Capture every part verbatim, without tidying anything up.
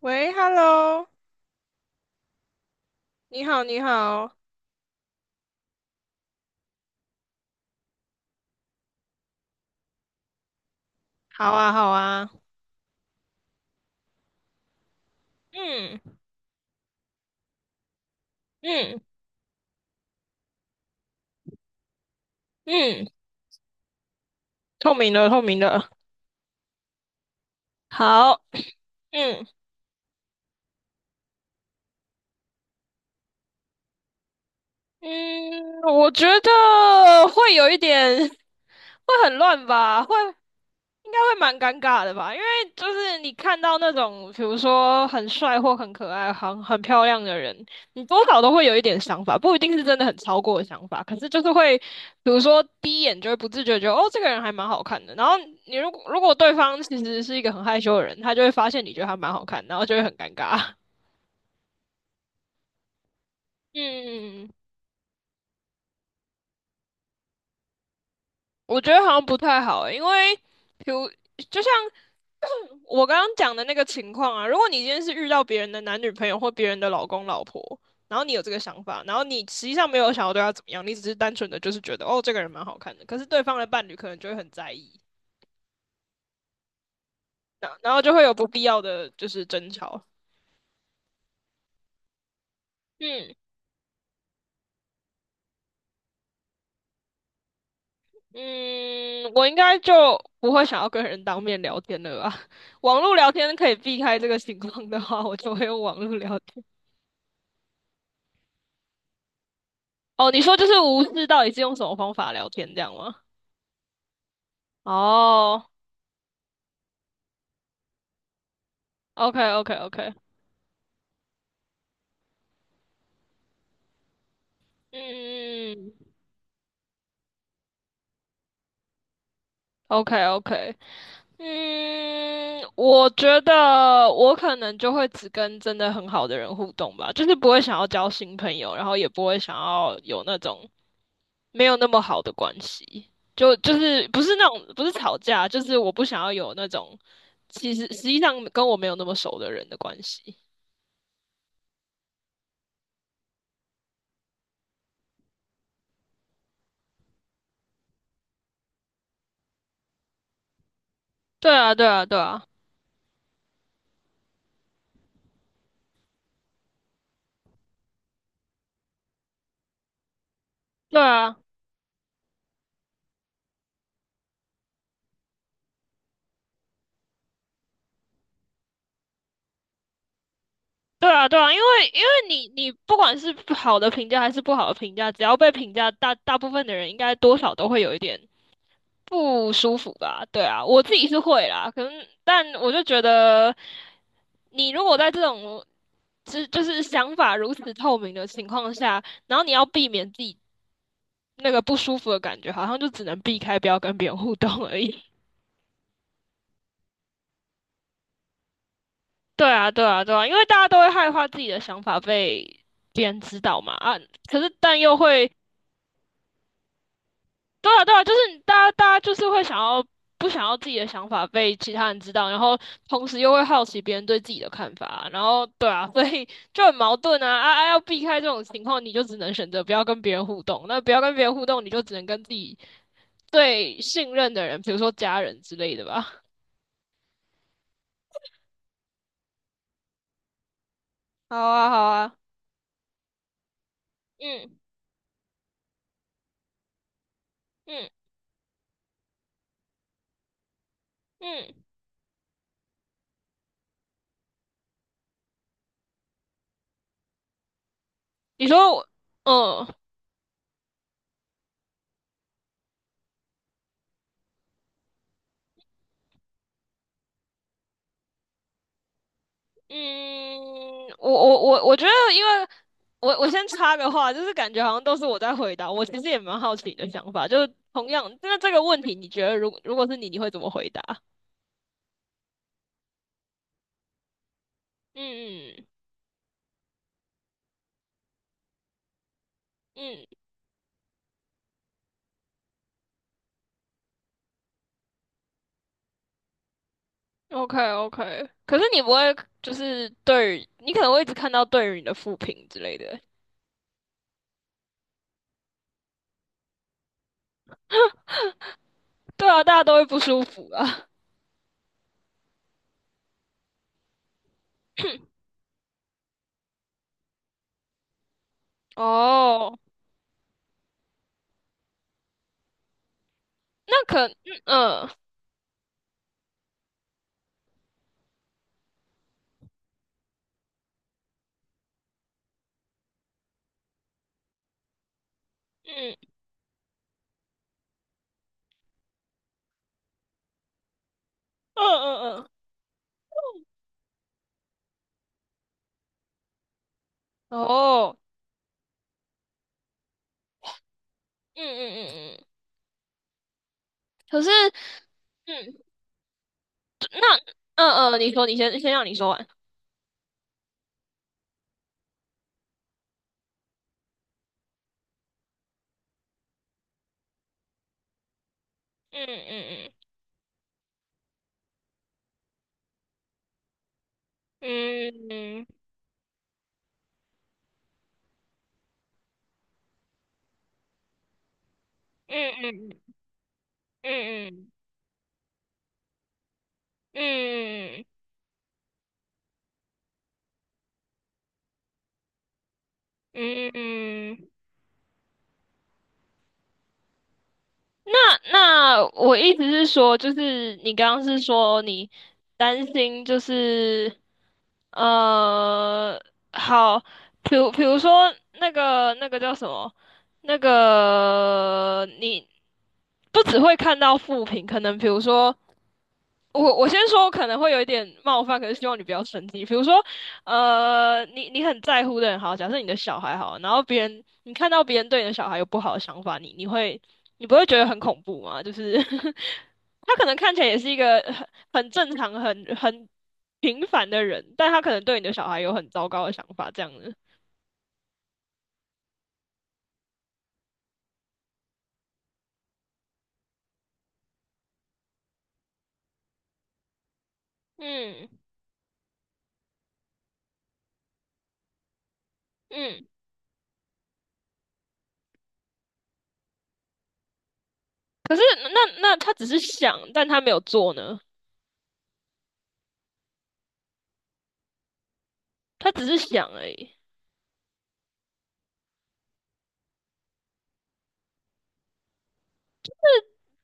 喂，Hello，你好，你好，好啊，好啊，嗯嗯嗯，透明的，透明的，好，嗯。嗯，我觉得会有一点，会很乱吧，会应该会蛮尴尬的吧，因为就是你看到那种，比如说很帅或很可爱、很很漂亮的人，你多少都会有一点想法，不一定是真的很超过的想法，可是就是会，比如说第一眼就会不自觉地觉得哦，这个人还蛮好看的，然后你如果如果对方其实是一个很害羞的人，他就会发现你觉得他蛮好看，然后就会很尴尬。嗯。我觉得好像不太好欸，因为比如就像 我刚刚讲的那个情况啊，如果你今天是遇到别人的男女朋友或别人的老公老婆，然后你有这个想法，然后你实际上没有想要对他怎么样，你只是单纯的就是觉得哦这个人蛮好看的，可是对方的伴侣可能就会很在意，然然后就会有不必要的就是争吵。嗯，嗯，我应该就不会想要跟人当面聊天了吧？网络聊天可以避开这个情况的话，我就会用网络聊天。哦，你说就是无视到底是用什么方法聊天这样吗？哦，OK OK OK，嗯，OK OK，嗯，我觉得我可能就会只跟真的很好的人互动吧，就是不会想要交新朋友，然后也不会想要有那种没有那么好的关系，就就是不是那种不是吵架，就是我不想要有那种其实实际上跟我没有那么熟的人的关系。对啊，对啊，对啊，对啊。对啊，对啊，因为因为你你不管是好的评价还是不好的评价，只要被评价，大大部分的人应该多少都会有一点不舒服吧？对啊，我自己是会啦，可能但我就觉得，你如果在这种是就是想法如此透明的情况下，然后你要避免自己那个不舒服的感觉，好像就只能避开，不要跟别人互动而已。对啊，对啊，对啊，因为大家都会害怕自己的想法被别人知道嘛，啊，可是但又会对啊，对啊，就是大家，大家就是会想要不想要自己的想法被其他人知道，然后同时又会好奇别人对自己的看法啊，然后对啊，所以就很矛盾啊啊啊！要避开这种情况，你就只能选择不要跟别人互动。那不要跟别人互动，你就只能跟自己最信任的人，比如说家人之类的吧。好啊，好啊，嗯嗯嗯，你说我，嗯。嗯，我我我我觉得，因为我我先插个话，就是感觉好像都是我在回答。我其实也蛮好奇你的想法，就是同样，那这个问题，你觉得如如果是你，你会怎么回答？嗯嗯，OK OK。可是你不会，就是对于你可能会一直看到对于你的负评之类的。对啊，大家都会不舒服啊。哦，那可嗯嗯嗯嗯嗯嗯，哦，嗯嗯嗯嗯，可是。嗯。那嗯嗯，你说，你先先让你说完。嗯嗯嗯嗯嗯嗯嗯嗯嗯嗯，那那我意思是说，就是你刚刚是说你担心，就是呃，好，比如比如说那个那个叫什么，那个你不只会看到负评，可能比如说。我我先说我可能会有一点冒犯，可是希望你不要生气。比如说，呃，你你很在乎的人，好，假设你的小孩好，然后别人你看到别人对你的小孩有不好的想法，你你会你不会觉得很恐怖吗？就是 他可能看起来也是一个很很正常、很很平凡的人，但他可能对你的小孩有很糟糕的想法，这样子。嗯嗯，可是那那他只是想，但他没有做呢，他只是想而已。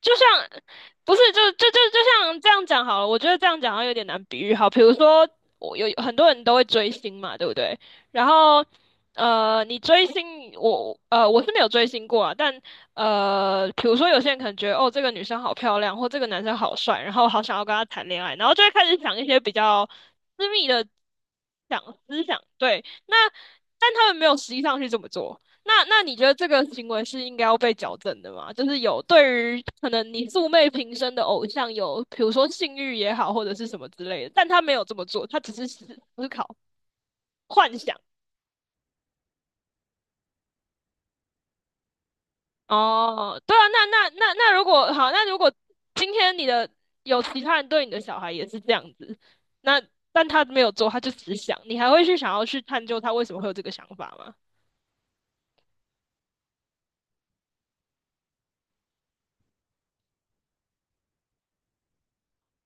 就像不是就就就就像这样讲好了，我觉得这样讲好像有点难比喻。好，比如说我有很多人都会追星嘛，对不对？然后呃，你追星，我呃我是没有追星过啊，但呃，比如说有些人可能觉得哦这个女生好漂亮，或这个男生好帅，然后好想要跟他谈恋爱，然后就会开始想一些比较私密的想思想，对，那但他们没有实际上去这么做。那那你觉得这个行为是应该要被矫正的吗？就是有对于可能你素昧平生的偶像有，比如说性欲也好，或者是什么之类的，但他没有这么做，他只是思考、幻想。哦，对啊，那那那那如果好，那如果今天你的有其他人对你的小孩也是这样子，那但他没有做，他就只想，你还会去想要去探究他为什么会有这个想法吗？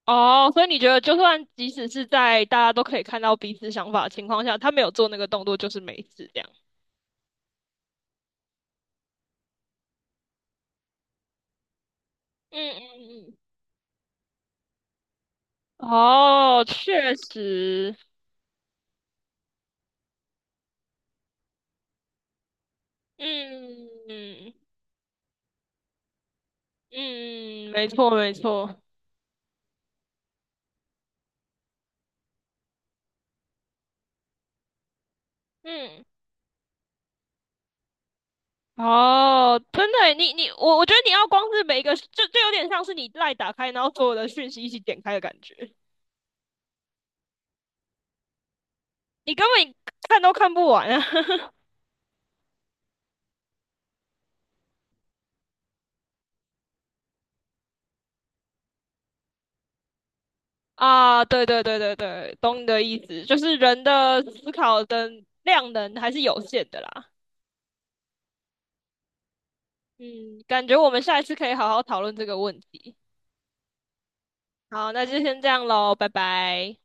哦，所以你觉得，就算即使是在大家都可以看到彼此想法的情况下，他没有做那个动作，就是没事这样。嗯嗯嗯。哦，确实。嗯嗯嗯，没错没错。嗯，哦，真的耶，你你我我觉得你要光是每一个，就就有点像是你赖打开，然后所有的讯息一起点开的感觉，你根本看都看不完啊。啊，对对对对对，懂你的意思，就是人的思考的量能还是有限的啦。嗯，感觉我们下一次可以好好讨论这个问题。好，那就先这样喽，拜拜。